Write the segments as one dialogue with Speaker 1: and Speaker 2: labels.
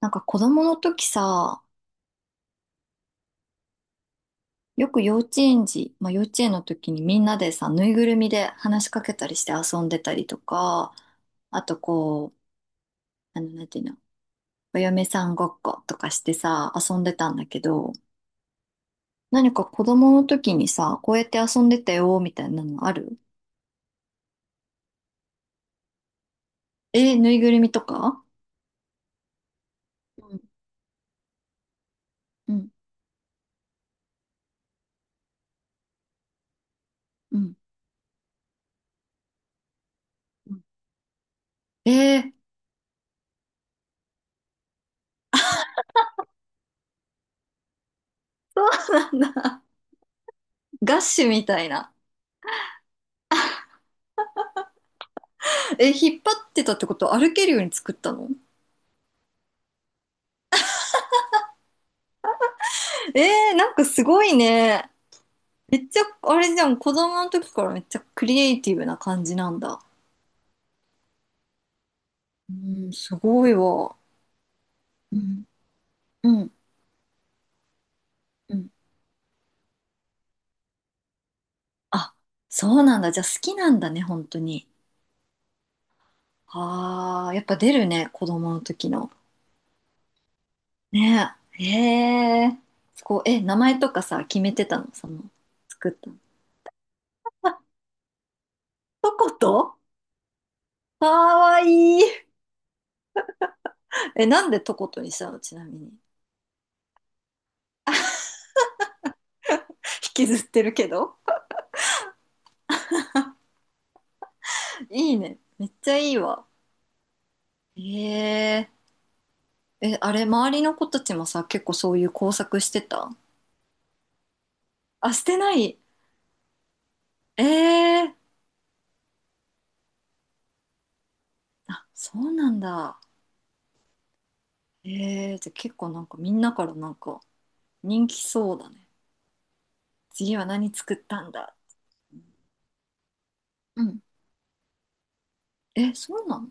Speaker 1: なんか子供の時さ、よく幼稚園児、まあ幼稚園の時にみんなでさ、ぬいぐるみで話しかけたりして遊んでたりとか、あとこう、なんていうの、お嫁さんごっことかしてさ、遊んでたんだけど、何か子供の時にさ、こうやって遊んでたよ、みたいなのある？えーぬいぐるみとか？うんうんうんうん。えー、そうなんだ。ガッシュみたいな。え、引っ張ってたってこと？歩けるように作ったの？えー、なんかすごいね。めっちゃ、あれじゃん、子供の時からめっちゃクリエイティブな感じなんだ。うん、すごいわ。うん、うん、うん。あ、そうなんだ。じゃあ好きなんだね、本当に。ああ、やっぱ出るね、子供の時の。ねえ。へえ。こうえ、名前とかさ、決めてたの、その、作ったの？あ、トコトかわいい。え、なんでトコトにしたのちなみに。引きずってるけど。いいね。めっちゃいいわ。へえ。え、あれ、周りの子たちもさ、結構そういう工作してた？あ、してない？ええー。あ、そうなんだ。ええー、じゃあ結構なんかみんなからなんか人気そうだね。次は何作ったんだ。うん。え、そうなの？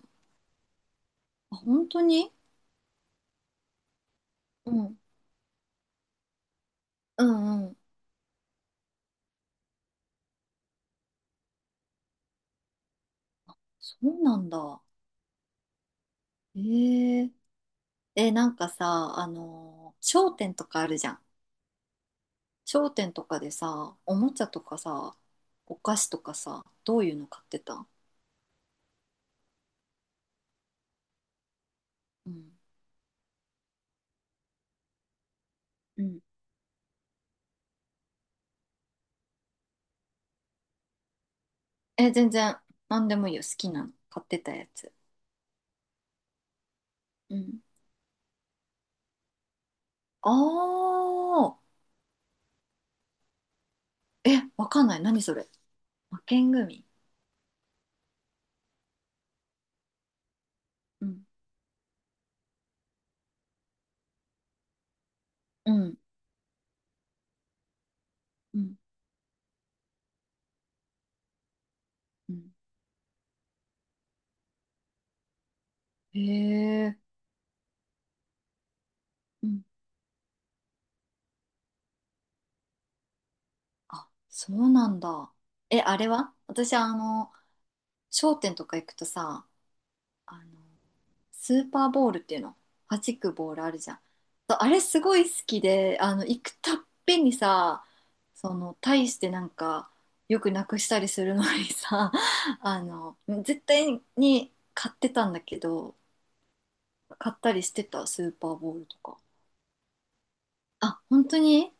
Speaker 1: あ、本当に？うん。うんうん。そうなんだ。ええー。え、なんかさ、あのー商店とかあるじゃん。商店とかでさ、おもちゃとかさ、お菓子とかさ、どういうの買ってた？うん。うん。え、全然、なんでもいいよ。好きなの。買ってたやつ。うん。ああ、え、わかんない。何それ。負けん組。うん。うん。うん。うん。へえ。うん。あ、そうなんだ。え、あれは私、商店とか行くとさ、あのスーパーボールっていうの、弾くボールあるじゃん。あれすごい好きで、あの行くたっぺんにさ、その大してなんかよくなくしたりするのにさ、 あの絶対に買ってたんだけど、買ったりしてた、スーパーボールとか。あ本当に？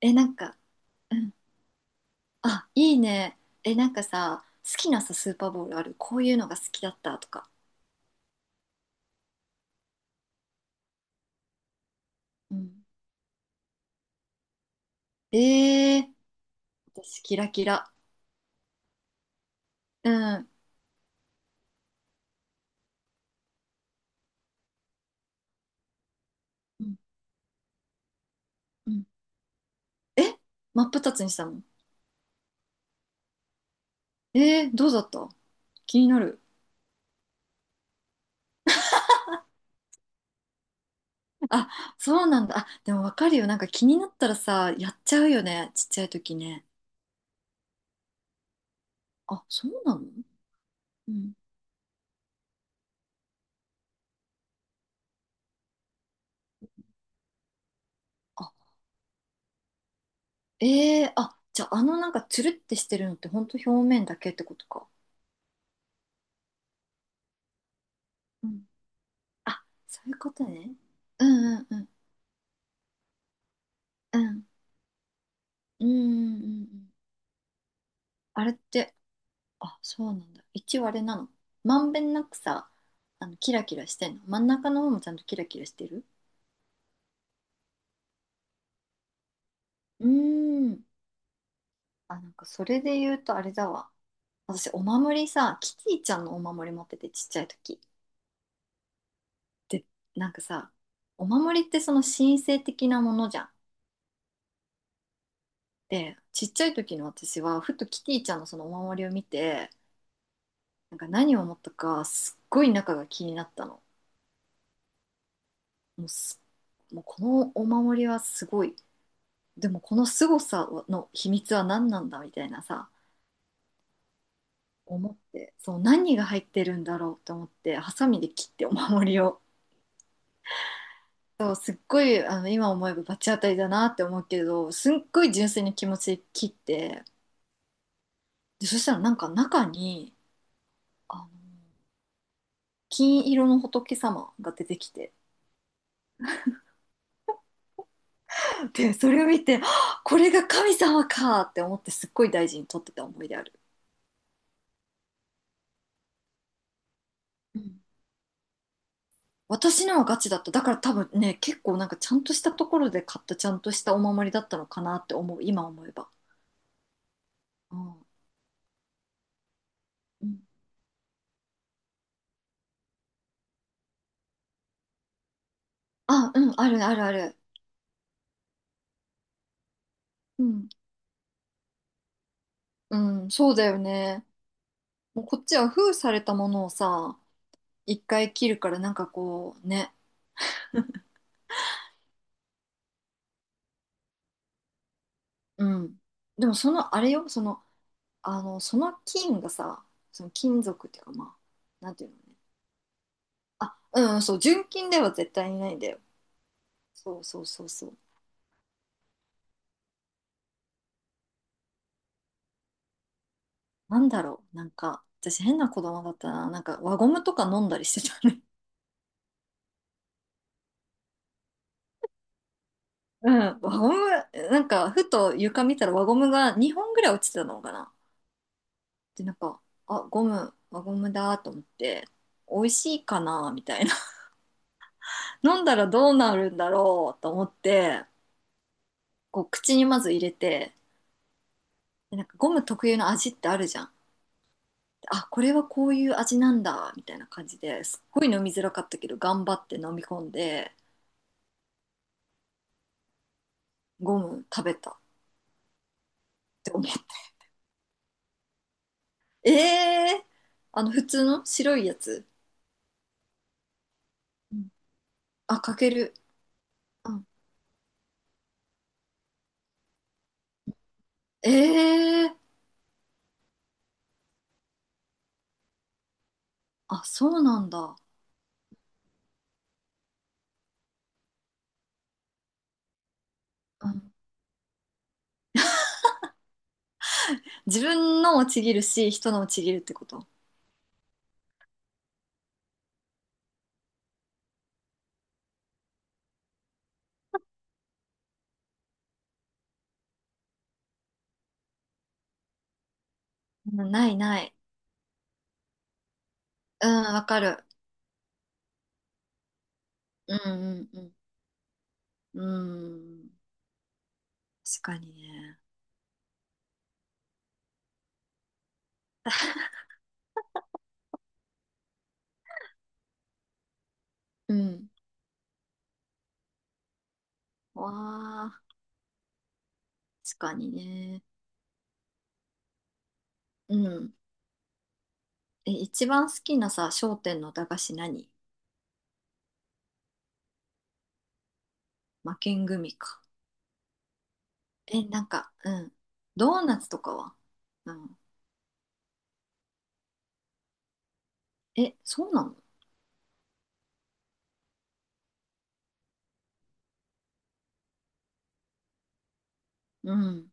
Speaker 1: えなんか、うん、あいいね。えなんかさ好きなさスーパーボールある？こういうのが好きだったとか、うん、えー、私キラキラ。うんうんうん、え、真っ二つにしたの？えー、どうだった？気になる。あ、そうなんだ。あ、でもわかるよ。なんか気になったらさ、やっちゃうよね。ちっちゃい時ね。あ、そうなの？うん。あ、えー、あ、じゃああのなんかつるってしてるのってほんと表面だけってことか。うん。あ、そういうことね。うんうんうん。うん。うんうんうんうん。あれって、あ、そうなんだ。一応あれなの。まんべんなくさ、あの、キラキラしてんの？真ん中の方もちゃんとキラキラしてる？うーん。あ、なんかそれで言うとあれだわ。私、お守りさ、キティちゃんのお守り持っててちっちゃい時。で、なんかさ、お守りってその神聖的なものじゃん。で、ちっちゃい時の私は、ふとキティちゃんのそのお守りを見て、なんか何を思ったか、すっごい中が気になったの。もうす、もうこのお守りはすごい。でもこの凄さの秘密は何なんだみたいなさ、思って、そう、何が入ってるんだろうと思って、ハサミで切ってお守りを。そう、すっごい、今思えば罰当たりだなって思うけど、すっごい純粋に気持ち切って、で、そしたらなんか中に、あの、金色の仏様が出てきて、で、それを見て、はっこれが神様かって思ってすっごい大事に取ってた思い出ある。うん、私のはガチだった。だから多分ね、結構なんかちゃんとしたところで買ったちゃんとしたお守りだったのかなって思う、今思えば。うん、うん。あ、うん、あるあるある。うん。うん、そうだよね。もうこっちは封されたものをさ、一回切るからなんかこうね、うん。でもそのあれよ、その、その菌がさ、その金属っていうかまあ、なんていうのね。うん、そう、純金では絶対にないんだよ。そうそうそうそう。なんだろう、なんか、私変な子供だったな。なんか輪ゴムとか飲んだりしてたね。うん、輪ゴム、なんかふと床見たら輪ゴムが2本ぐらい落ちてたのかな。で、なんか、あ、ゴム、輪ゴムだと思って、美味しいかなみたいな。飲んだらどうなるんだろうと思って、こう口にまず入れて、でなんかゴム特有の味ってあるじゃん。あ、これはこういう味なんだ、みたいな感じですっごい飲みづらかったけど、頑張って飲み込んで、ゴム食べたって思った。えー、あの普通の白いやつ。うん、あ、かける。うん、えー、あ、そうなんだ。うん、自分のもちぎるし、人のもちぎるってこと？うんないない。うん、わかる。うんうんうん。うん。確かにね。うん。わあ、確かにね。うん。え、一番好きなさ、商店の駄菓子何？負けん組か。え、なんか、うん。ドーナツとかは？うん。え、そうなの？うん。